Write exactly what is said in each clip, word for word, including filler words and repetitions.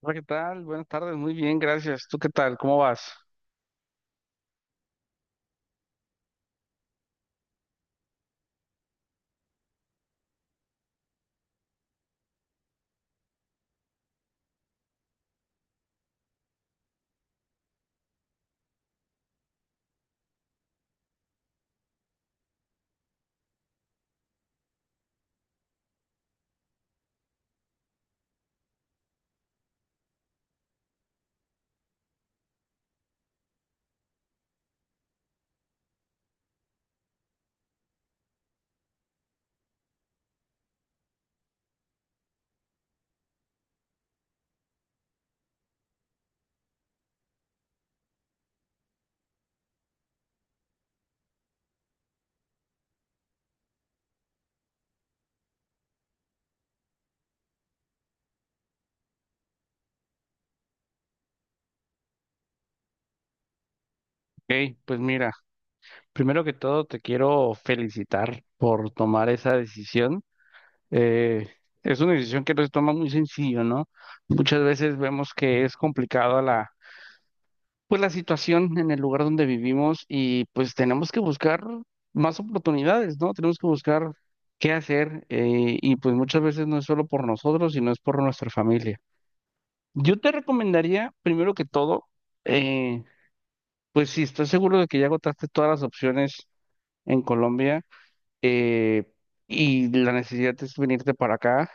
Hola, ¿qué tal? Buenas tardes, muy bien, gracias. ¿Tú qué tal? ¿Cómo vas? Ok, pues mira, primero que todo te quiero felicitar por tomar esa decisión. Eh, es una decisión que no se toma muy sencillo, ¿no? Muchas veces vemos que es complicado la, pues la situación en el lugar donde vivimos y pues tenemos que buscar más oportunidades, ¿no? Tenemos que buscar qué hacer eh, y pues muchas veces no es solo por nosotros, sino es por nuestra familia. Yo te recomendaría, primero que todo, eh, Pues sí, estoy seguro de que ya agotaste todas las opciones en Colombia, eh, y la necesidad es venirte para acá,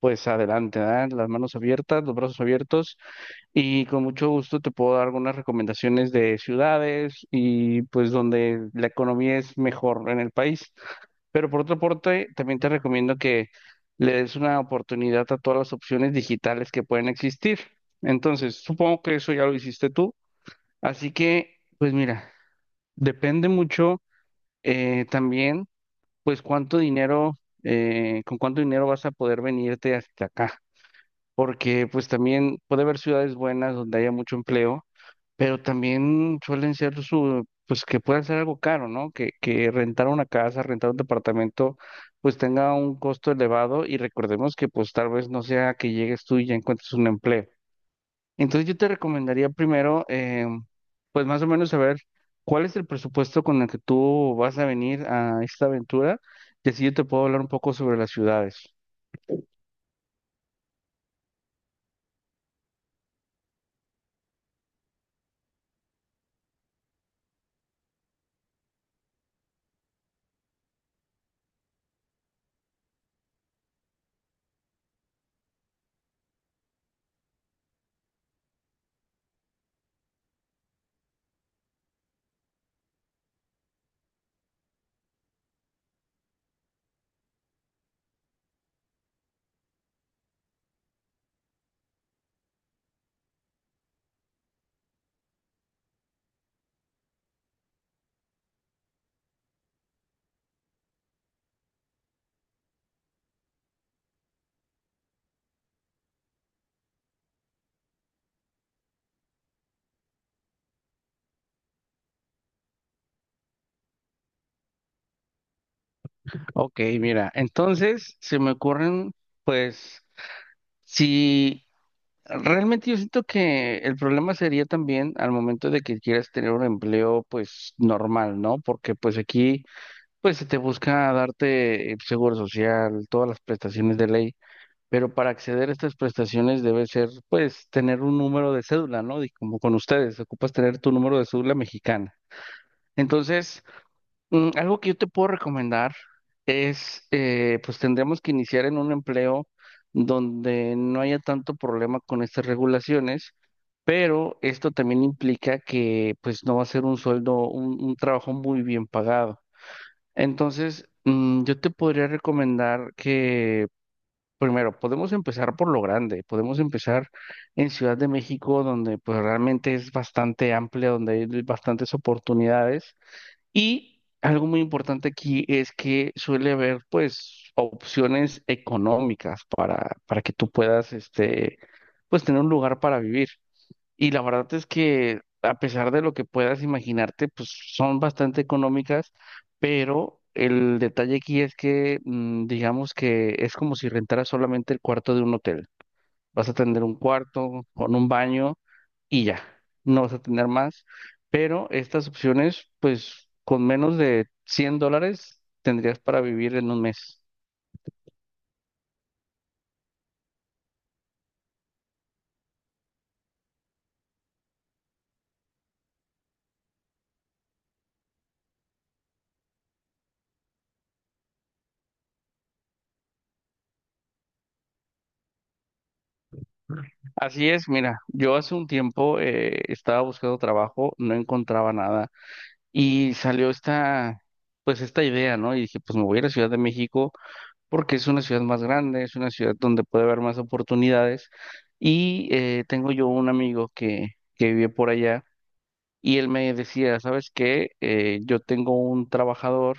pues adelante, ¿verdad? Las manos abiertas, los brazos abiertos, y con mucho gusto te puedo dar algunas recomendaciones de ciudades y pues donde la economía es mejor en el país. Pero por otra parte, también te recomiendo que le des una oportunidad a todas las opciones digitales que pueden existir. Entonces, supongo que eso ya lo hiciste tú, así que. Pues mira, depende mucho eh, también, pues cuánto dinero, eh, con cuánto dinero vas a poder venirte hasta acá, porque pues también puede haber ciudades buenas donde haya mucho empleo, pero también suelen ser su, pues que pueda ser algo caro, ¿no? Que, que rentar una casa, rentar un departamento, pues tenga un costo elevado, y recordemos que pues tal vez no sea que llegues tú y ya encuentres un empleo. Entonces yo te recomendaría primero, eh, pues más o menos saber cuál es el presupuesto con el que tú vas a venir a esta aventura, y así yo te puedo hablar un poco sobre las ciudades. Ok, mira, entonces se me ocurren, pues, si realmente yo siento que el problema sería también al momento de que quieras tener un empleo, pues, normal, ¿no? Porque pues aquí, pues, se te busca darte el seguro social, todas las prestaciones de ley, pero para acceder a estas prestaciones debe ser, pues, tener un número de cédula, ¿no? Y como con ustedes, ocupas tener tu número de cédula mexicana. Entonces, mm, algo que yo te puedo recomendar es, eh, pues, tendríamos que iniciar en un empleo donde no haya tanto problema con estas regulaciones, pero esto también implica que, pues, no va a ser un sueldo, un, un trabajo muy bien pagado. Entonces, mm, yo te podría recomendar que primero, podemos empezar por lo grande, podemos empezar en Ciudad de México, donde pues realmente es bastante amplia, donde hay bastantes oportunidades. Y algo muy importante aquí es que suele haber pues opciones económicas para, para que tú puedas este, pues tener un lugar para vivir. Y la verdad es que a pesar de lo que puedas imaginarte, pues son bastante económicas, pero el detalle aquí es que mm, digamos que es como si rentaras solamente el cuarto de un hotel. Vas a tener un cuarto con un baño y ya, no vas a tener más, pero estas opciones, pues con menos de cien dólares tendrías para vivir en un mes. Así es, mira, yo hace un tiempo eh, estaba buscando trabajo, no encontraba nada. Y salió esta, pues esta idea, ¿no? Y dije, pues me voy a la Ciudad de México porque es una ciudad más grande, es una ciudad donde puede haber más oportunidades. Y eh, tengo yo un amigo que, que vive por allá, y él me decía, ¿sabes qué? Eh, yo tengo un trabajador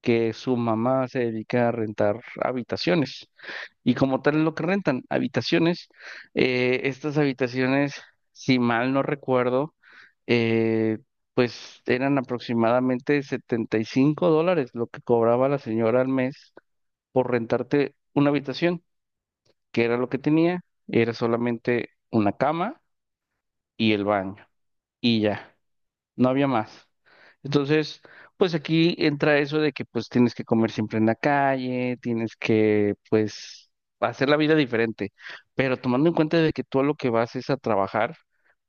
que su mamá se dedica a rentar habitaciones. Y como tal es lo que rentan, habitaciones. Eh, estas habitaciones, si mal no recuerdo, eh, pues eran aproximadamente setenta y cinco dólares lo que cobraba la señora al mes por rentarte una habitación, que era lo que tenía, era solamente una cama y el baño. Y ya, no había más. Entonces, pues aquí entra eso de que pues tienes que comer siempre en la calle, tienes que pues hacer la vida diferente, pero tomando en cuenta de que tú a lo que vas es a trabajar,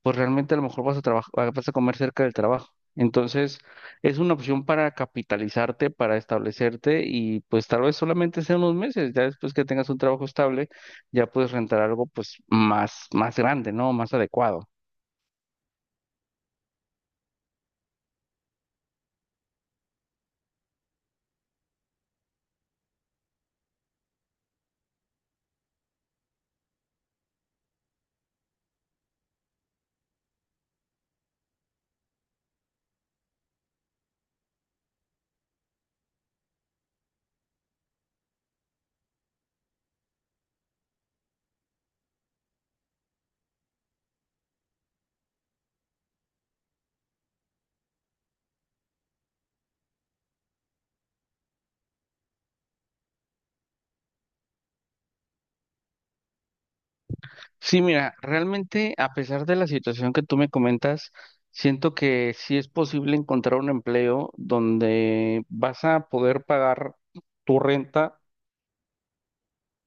pues realmente a lo mejor vas a trabajar, vas a comer cerca del trabajo. Entonces, es una opción para capitalizarte, para establecerte, y pues tal vez solamente sea unos meses, ya después que tengas un trabajo estable, ya puedes rentar algo pues más más grande, ¿no? Más adecuado. Sí, mira, realmente a pesar de la situación que tú me comentas, siento que sí es posible encontrar un empleo donde vas a poder pagar tu renta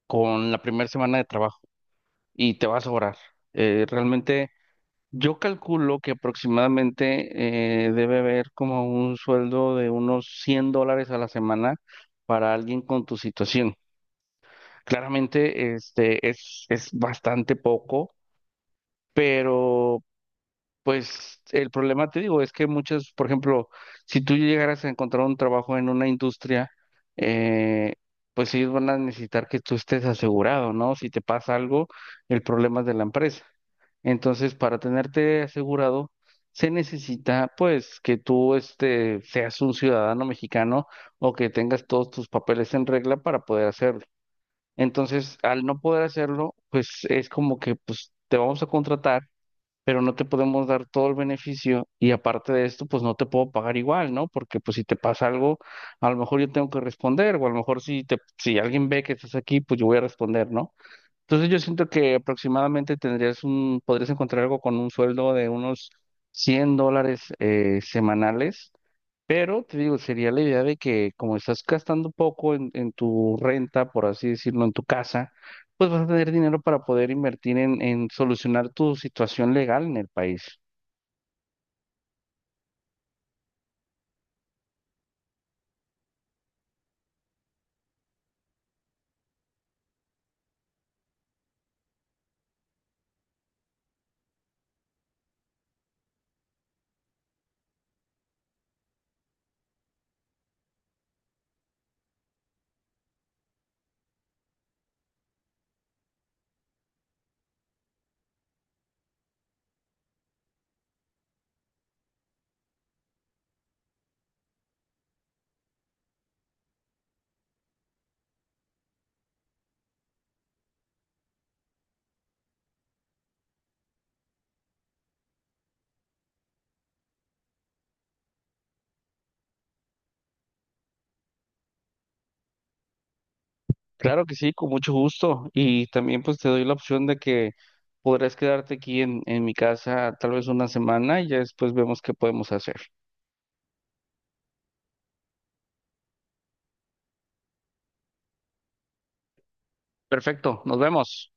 con la primera semana de trabajo y te va a sobrar. Eh, realmente yo calculo que aproximadamente eh, debe haber como un sueldo de unos cien dólares a la semana para alguien con tu situación. Claramente, este es, es bastante poco, pero pues el problema, te digo, es que muchas, por ejemplo, si tú llegaras a encontrar un trabajo en una industria, eh, pues ellos van a necesitar que tú estés asegurado, ¿no? Si te pasa algo, el problema es de la empresa. Entonces, para tenerte asegurado, se necesita, pues, que tú este, seas un ciudadano mexicano o que tengas todos tus papeles en regla para poder hacerlo. Entonces, al no poder hacerlo, pues es como que, pues, te vamos a contratar, pero no te podemos dar todo el beneficio, y aparte de esto, pues no te puedo pagar igual, ¿no? Porque pues si te pasa algo, a lo mejor yo tengo que responder, o a lo mejor si te, si alguien ve que estás aquí, pues yo voy a responder, ¿no? Entonces yo siento que aproximadamente tendrías un, podrías encontrar algo con un sueldo de unos cien dólares eh, semanales, pero te digo, sería la idea de que como estás gastando poco en, en tu renta, por así decirlo, en, tu casa, pues vas a tener dinero para poder invertir en, en solucionar tu situación legal en el país. Claro que sí, con mucho gusto. Y también pues te doy la opción de que podrás quedarte aquí en, en mi casa tal vez una semana y ya después vemos qué podemos hacer. Perfecto, nos vemos.